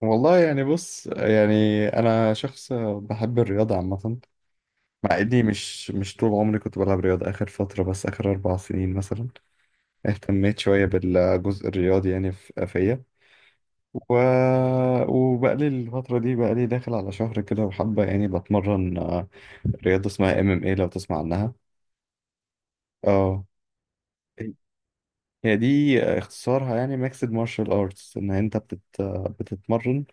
والله يعني بص يعني انا شخص بحب الرياضه عامه. مع اني مش طول عمري كنت بلعب رياضه. اخر فتره، بس اخر اربع سنين مثلا، اهتميت شويه بالجزء الرياضي يعني فيا. و... وبقالي الفتره دي، بقالي داخل على شهر كده، وحابه يعني بتمرن رياضه اسمها ام ام اي، لو تسمع عنها. اه، هي دي اختصارها، يعني ميكسد مارشال ارتس. ان انت بتتمرن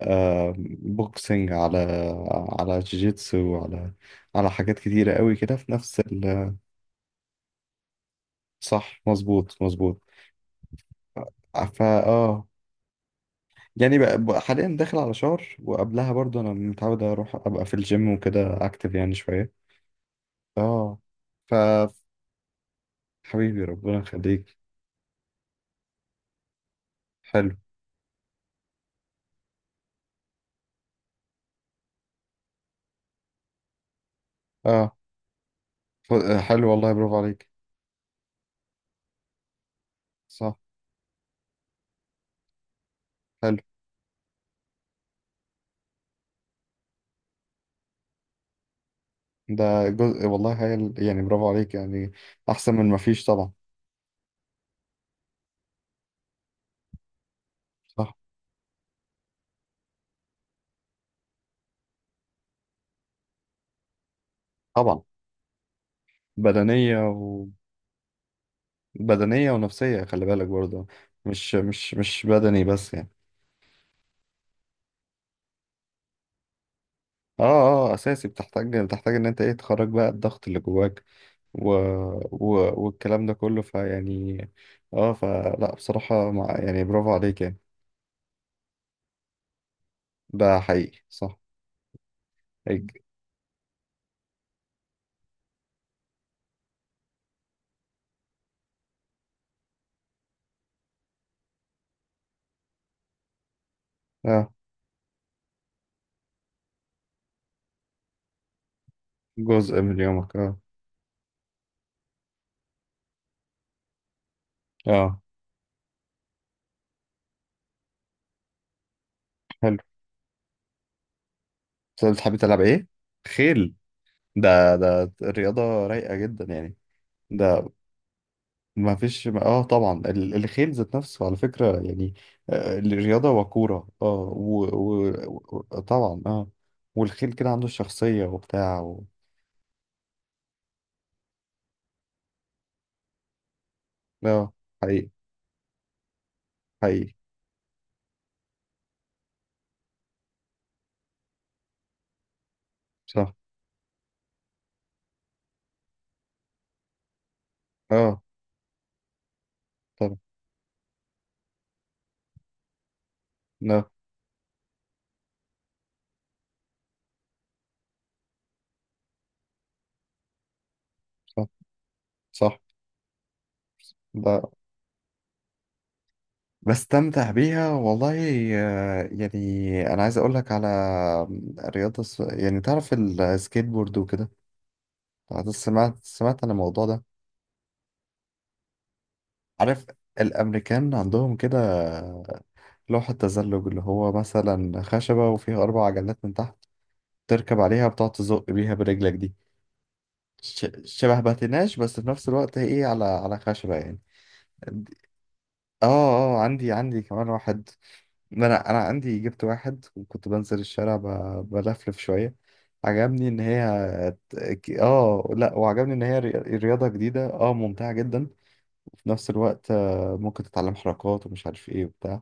بوكسنج، على على جيجيتسو، على على حاجات كتيرة قوي كده في نفس ال. صح، مظبوط مظبوط. فا يعني بقى حاليا داخل على شهر، وقبلها برضو انا متعود اروح ابقى في الجيم وكده، اكتف يعني شوية. اه. ف حبيبي، ربنا يخليك. حلو. اه. ف- حلو والله، برافو عليك. صح. حلو. ده جزء والله هايل، يعني برافو عليك يعني، احسن من ما فيش طبعا. صح طبعا. بدنية. بدنية ونفسية، خلي بالك برضه. مش بدني بس يعني. اه. اه، اساسي، بتحتاج بتحتاج ان انت ايه تخرج بقى الضغط اللي جواك. و... والكلام ده كله فيعني. اه، فلا بصراحة يعني برافو عليك يعني. ده حقيقي، صح. الج- اه، جزء من يومك، اه. اه، حلو. بس بتحب تلعب ايه؟ خيل. ده ده رياضة رايقة جدا يعني. ده ما فيش، اه طبعا، الخيل ذات نفسه على فكرة يعني، الرياضة وكورة اه، وطبعا طبعا، اه. والخيل كده عنده شخصية وبتاع اه. حقيقي. حقيقي، صح. اه، طبعا، اه. صح. صح. ب... بستمتع بيها والله. يعني انا عايز اقول لك على رياضة يعني تعرف السكيت بورد وكده. أنا سمعت عن الموضوع ده. عارف الامريكان عندهم كده لوحة تزلج، اللي هو مثلا خشبة وفيها أربع عجلات من تحت، تركب عليها بتقعد تزق بيها برجلك دي. شبه باتيناج، بس في نفس الوقت هي ايه، على على خشبة يعني. دي- اه. اه، عندي كمان واحد. ما انا انا عندي، جبت واحد وكنت بنزل الشارع بلفلف شوية. عجبني ان هي اه لا، وعجبني ان هي رياضة جديدة، اه، ممتعة جدا. وفي نفس الوقت، ممكن تتعلم حركات ومش عارف ايه وبتاع.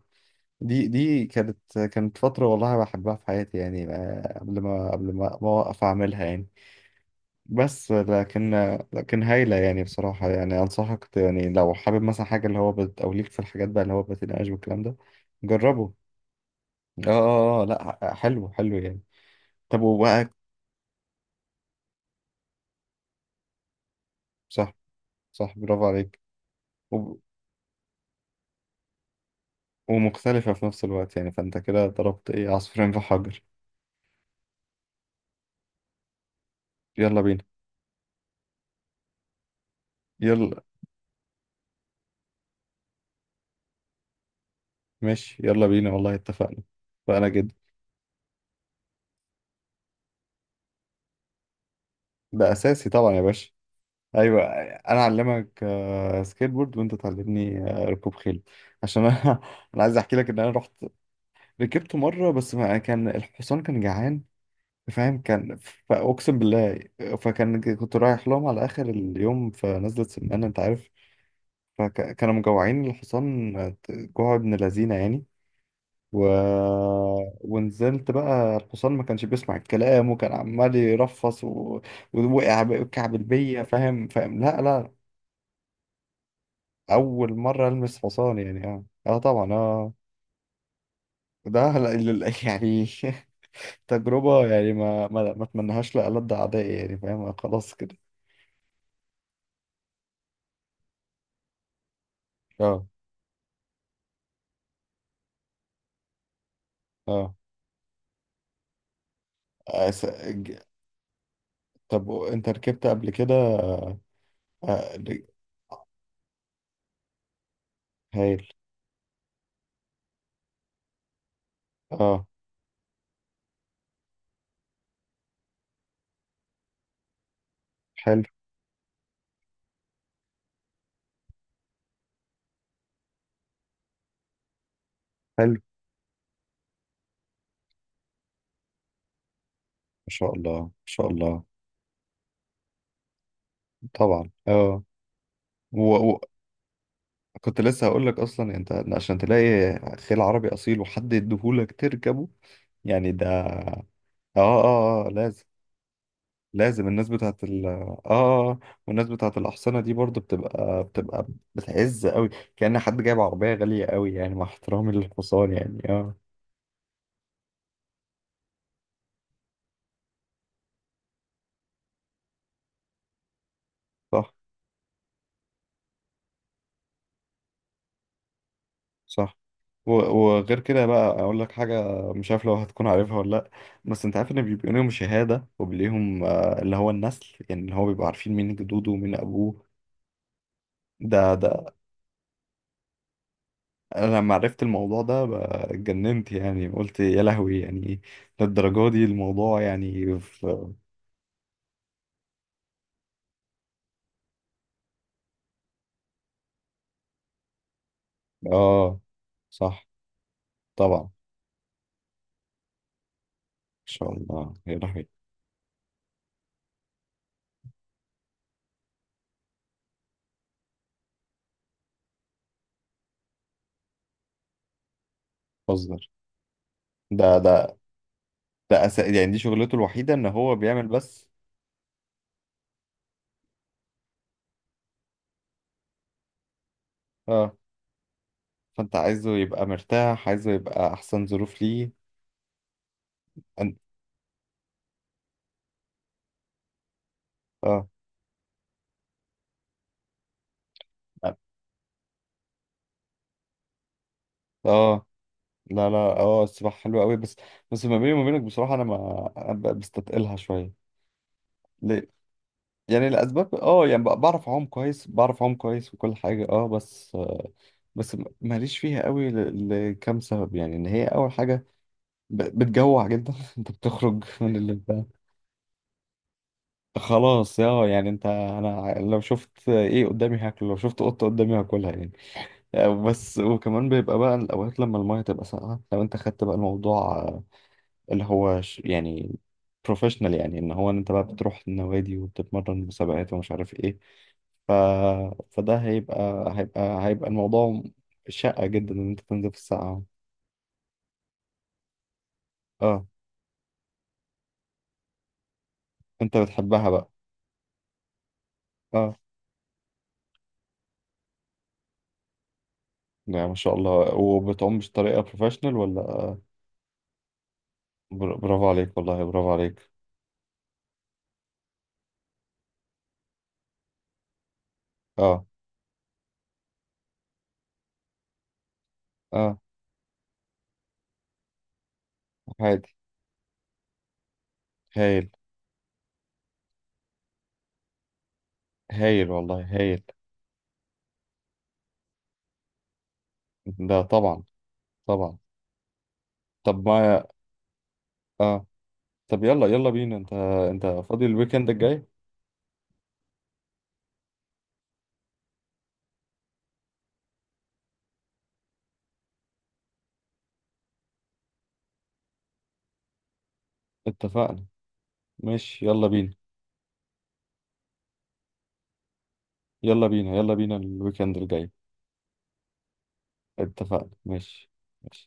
دي دي كانت فترة والله بحبها في حياتي، يعني قبل ما قبل ما أوقف أعملها يعني. بس لكن، لكن هايلة يعني بصراحة. يعني أنصحك يعني لو حابب مثلا حاجة اللي هو بت، أو ليك في الحاجات بقى اللي هو بتناقش والكلام ده. جربه. لأ، حلو حلو يعني. طب وبقى، صح. صح، برافو عليك. وب- ومختلفة في نفس الوقت يعني، فأنت كده ضربت إيه عصفورين في حجر. يلا بينا. يلا، ماشي، يلا بينا والله، اتفقنا. فأنا جدا. ده أساسي طبعا يا باشا. ايوه، انا اعلمك سكيت بورد، وانت تعلمني ركوب خيل. عشان انا انا عايز احكي لك ان انا رحت ركبت مره، بس ما كان الحصان كان جعان، فاهم؟ كان، فاقسم بالله، فكان، كنت رايح لهم على اخر اليوم في نزله سمانه، انت عارف. فكانوا مجوعين الحصان، جوع ابن لذينه يعني. و... ونزلت بقى، الحصان ما كانش بيسمع الكلام، وكان عمال يرفص ووقع وكعب البية، فاهم؟ فاهم، لا لا. اول مره المس حصان يعني، اه، اه طبعا، اه. ده يعني تجربه يعني ما اتمنهاش لألد اعدائي يعني، فاهم؟ خلاص كده. اه. اه. أس... ج- طب انت ركبت قبل كده؟ آه، ل- هايل. اه. حلو حلو، ما شاء الله، ما شاء الله. طبعا اه. و... و... كنت لسه هقول لك، اصلا انت عشان تلاقي خيل عربي اصيل وحد يديهولك تركبه، يعني ده. اه. آه لازم. لازم الناس بتاعت ال. اه. والناس بتاعت الأحصنة دي برضو بتبقى بتعز قوي، كأن حد جايب عربية غالية قوي، يعني مع احترامي للحصان، يعني اه. صح. صح. و- وغير كده بقى، أقول لك حاجة، مش عارف لو هتكون عارفها ولا لأ. بس أنت عارف إن بيبقى ليهم شهادة، وبليهم آه اللي هو النسل، يعني اللي هو بيبقوا عارفين مين جدوده ومين أبوه. ده أنا لما عرفت الموضوع ده بقى اتجننت يعني، قلت يا لهوي يعني، للدرجة دي الموضوع يعني. اه. صح. طبعا، ان شاء الله. يا لهوي، بتهزر! ده ده يعني دي شغلته الوحيده، ان هو بيعمل بس. اه، فانت عايزه يبقى مرتاح، عايزه يبقى احسن ظروف ليه. أن... اه. اه لا لا، اه السباحه حلوه قوي، بس بس ما بيني وما بينك بصراحه، انا ما أنا بستثقلها شويه. ليه؟ يعني الاسباب اه يعني، بعرف اعوم كويس، بعرف اعوم كويس وكل حاجه اه، بس آه، بس ماليش فيها قوي لكام سبب يعني، ان هي اول حاجه بتجوع جدا. انت بتخرج من اللي انت، خلاص يا يعني، انت انا لو شفت ايه قدامي هاكله، لو شفت قطه قدامي هاكلها يعني. بس وكمان بيبقى بقى الاوقات لما المايه تبقى ساقعه، لو انت خدت بقى الموضوع اللي هو يعني بروفيشنال، يعني ان هو ان انت بقى بتروح النوادي وبتتمرن مسابقات ومش عارف ايه. ف... فده هيبقى، هيبقى الموضوع شقة جدا، ان انت تنزل في الساعة. اه. انت بتحبها بقى؟ آه. يعني ما شاء الله، وبتعوم بطريقة بروفيشنال ولا؟ برافو عليك والله، برافو عليك. اه. اه. عادي. هايل. هايل والله، هايل. ده طبعا. طبعا. طب ما، اه، طب يلا يلا بينا. انت انت فاضي الويكند الجاي؟ اتفقنا. ماشي. يلا بينا، يلا بينا. يلا بينا الويكند الجاي. اتفقنا، ماشي. ماشي.